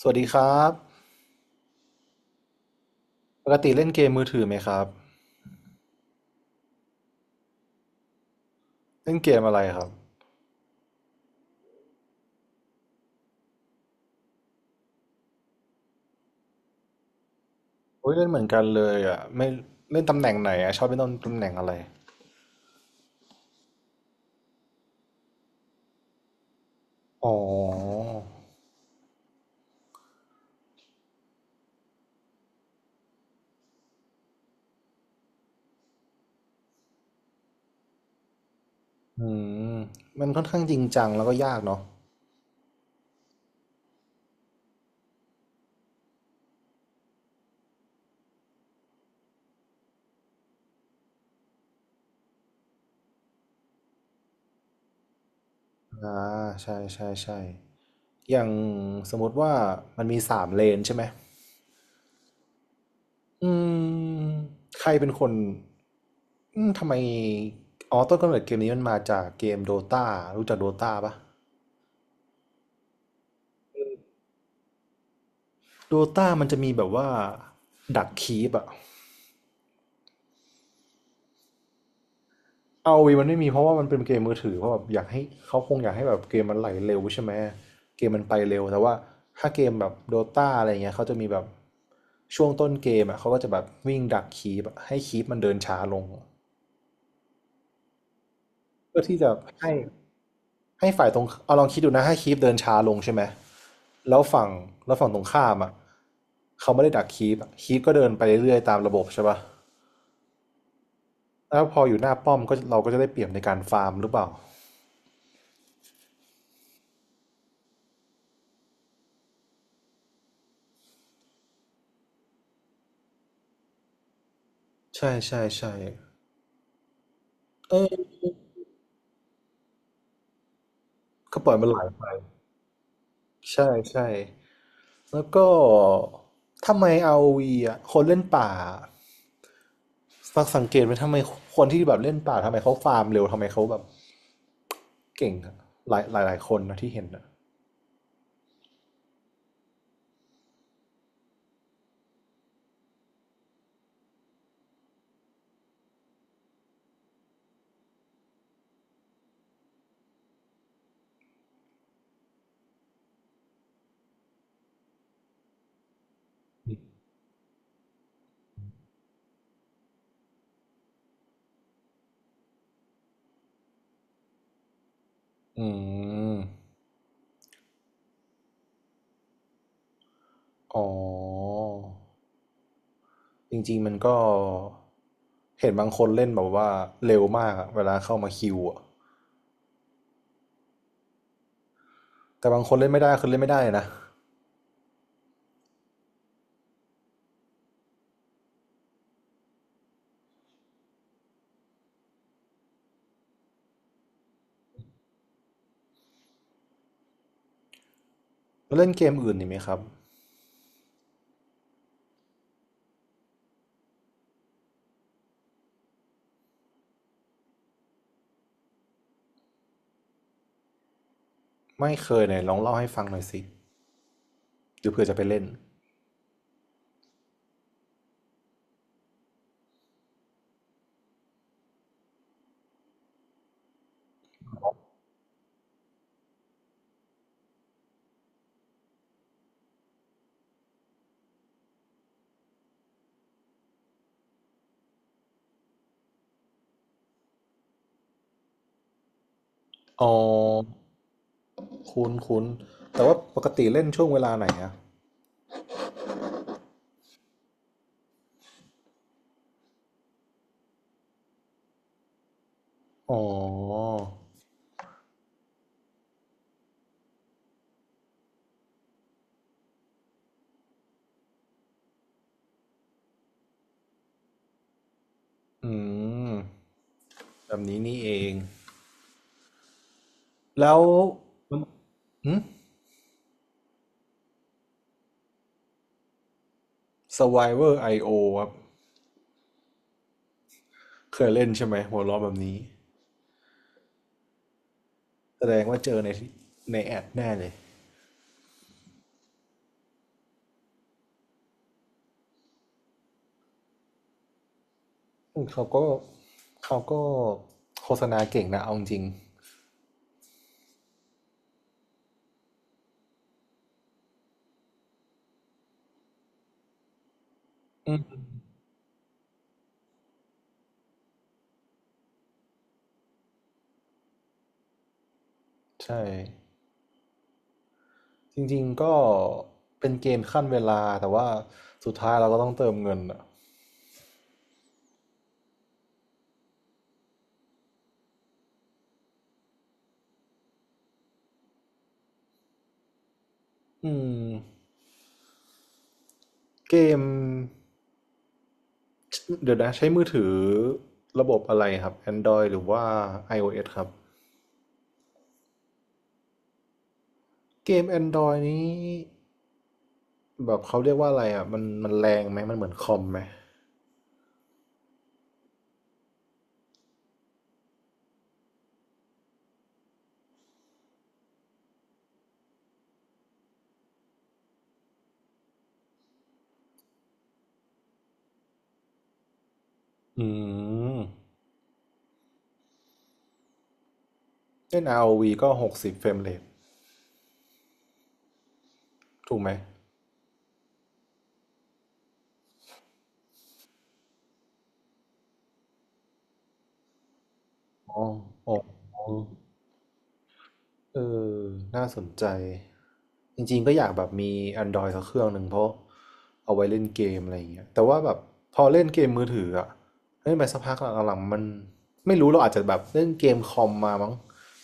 สวัสดีครับ ปกติเล่นเกมมือถือไหมครับ เล่นเกมอะไรครับโอ้ยเล่นเหมือนกันเลยอ่ะไม่เล่นตำแหน่งไหนอ่ะชอบเล่นตำแหน่งอะไรอ๋ออืมมันค่อนข้างจริงจังแล้วก็ยากเนาะอ่าใช่ใช่ใช่อย่างสมมติว่ามันมีสามเลนใช่ไหมอืมใครเป็นคนอืมทำไมอ๋อต้นกำเนิดเกมนี้มันมาจากเกมโดตารู้จักโดตาปะโดตามันจะมีแบบว่าดักคีปอะ เอาวีมันไม่มีเพราะว่ามันเป็นเกมมือถือเพราะแบบอยากให้เขาคงอยากให้แบบเกมมันไหลเร็วใช่ไหมเกมมันไปเร็วแต่ว่าถ้าเกมแบบโดตาอะไรเงี้ยเขาจะมีแบบช่วงต้นเกมอ่ะเขาก็จะแบบวิ่งดักคีบให้คีบมันเดินช้าลงเพื่อที่จะให้ให้ฝ่ายตรงเอาลองคิดดูนะให้คีบเดินช้าลงใช่ไหมแล้วฝั่งแล้วฝั่งตรงข้ามอ่ะเขาไม่ได้ดักคีบคีบก็เดินไปเรื่อยๆตามระบบใช่ปะแล้วพออยู่หน้าป้อมก็เราก็จะได้เปรียบในการฟาร์มหรือเปล่าใช่ใช่ใช่เออ ก็ปล่อยมันไหลไปใช่ใช่แล้วก็ ทำไม ROV อวีอ่ะคนเล่นป่าสังเกตไหมทำไมคนที่แบบเล่นป่าทำไมเขาฟาร์มเร็วทำไมเขาแบบเก่งอะหลายคนนะที่เห็นอะอืมอ๋อจริงๆมันก็เห็นบางคนเล่นแบบว่าเร็วมากอะเวลาเข้ามาคิวอะแต่บางคนเล่นไม่ได้คือเล่นไม่ได้นะแล้วเล่นเกมอื่นนี่ไหมครับไม่เคยไหนลองเล่าให้ฟังหน่อยสิหรือเผื่อจะไปเล่นอ๋อ คุ้นคุ้นแต่ว่าปกติเล่นช่วงเวลาไหนอะอ๋ออืมแบบนี้นี่เองแล้วหึ Survivor IO ครับเคยเล่นใช่ไหมหัวล้อแบบนี้แสดงว่าเจอในแอดแน่เลยอืมเขาก็โฆษณาเก่งนะเอาจริงใช่จริงๆก็เป็นเกมขั้นเวลาแต่ว่าสุดท้ายเราก็ต้องเติมเงินอะอืมเกม เดี๋ยวนะใช้มือถือระบบอะไรครับ Android หรือว่า iOS ครับเกม Android นี้แบบเขาเรียกว่าอะไรอ่ะมันแรงไหมมันเหมือนคอมไหมอืมเล่น ROV ก็60เฟรมเรทถูกไหมอ๋ออ๋อ เออน่าสนใจจริงๆก็อยากแบบมี Android สักเครื่องหนึ่งเพราะเอาไว้เล่นเกมอะไรอย่างเงี้ยแต่ว่าแบบพอเล่นเกมมือถืออะเล่นไปสักพักหลังๆมันไม่รู้เราอาจจะแบบเล่นเกมคอมมามั้ง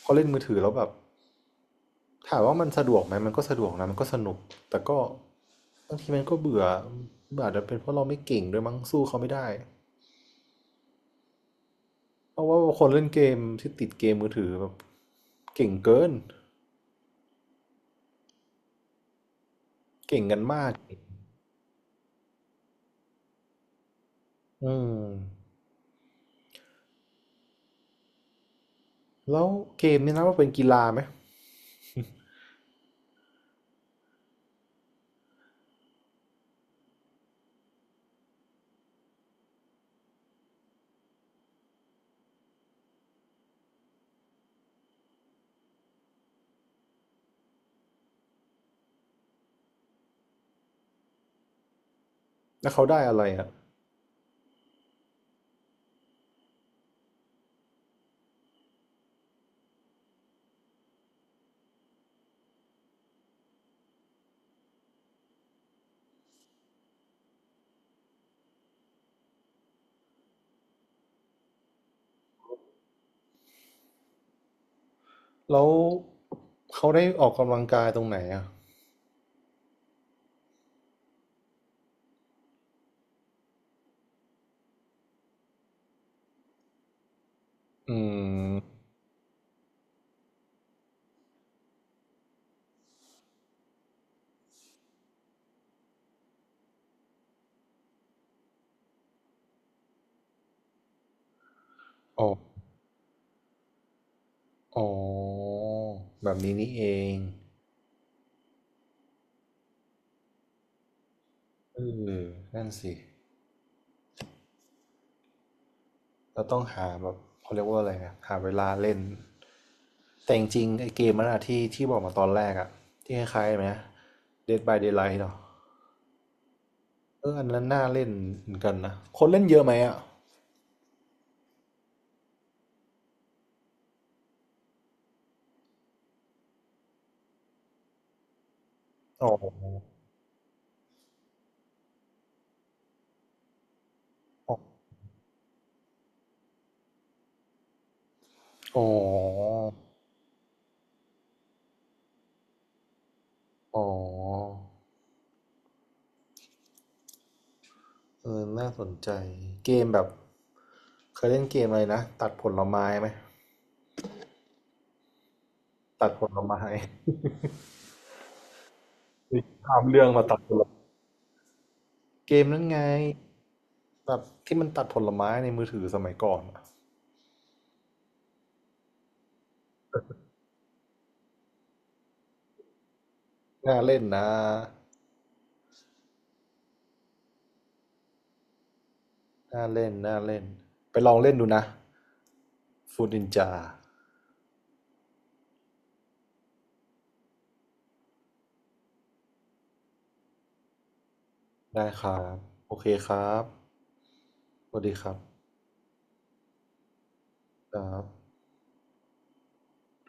พอเล่นมือถือแล้วแบบถามว่ามันสะดวกไหมมันก็สะดวกนะมันก็สนุกแต่ก็บางทีมันก็เบื่ออาจจะเป็นเพราะเราไม่เก่งด้วยมั้งสู้เขาไม่ได้เพราะว่าคนเล่นเกมที่ติดเกมมือถือแบบเก่งเกินเก่งกันมากอืม แล้วเกมนี่นะว่าเป็นกีฬาไหมแล้วเขาได้อะไรอ่ะ แล้วเขาได้ออกกำลังกายตรงไหนอ่ะอืมออกอ๋อแบบนี้นี่เองเออนั่นสิเราต้องหาแบบเขาเรียกว่าอะไรนะหาเวลาเล่น แต่จริงๆไอเกมนันอะที่บอกมาตอนแรกอะที่คล้ายๆไหม Dead by Daylight เนาะเอออันนั้นน่าเล่นเหมือนกันนะ คนเล่นเยอะไหมอะอ๋ออ๋ออ๋อ เออน่าสนใจ เกมแบบเคยเล่นเกมอะไรนะตัดผลไม้ไหมตัดผลไม้ ข้ามเรื่องมาตัดผลไม้เกมนั้นไงแบบที่มันตัดผลไม้ในมือถือสมัยก่อนอะน่าเล่นนะน่าเล่นน่าเล่นไปลองเล่นดูนะฟูดนินจาได้ครับโอเคครับสวัสดีครับครับ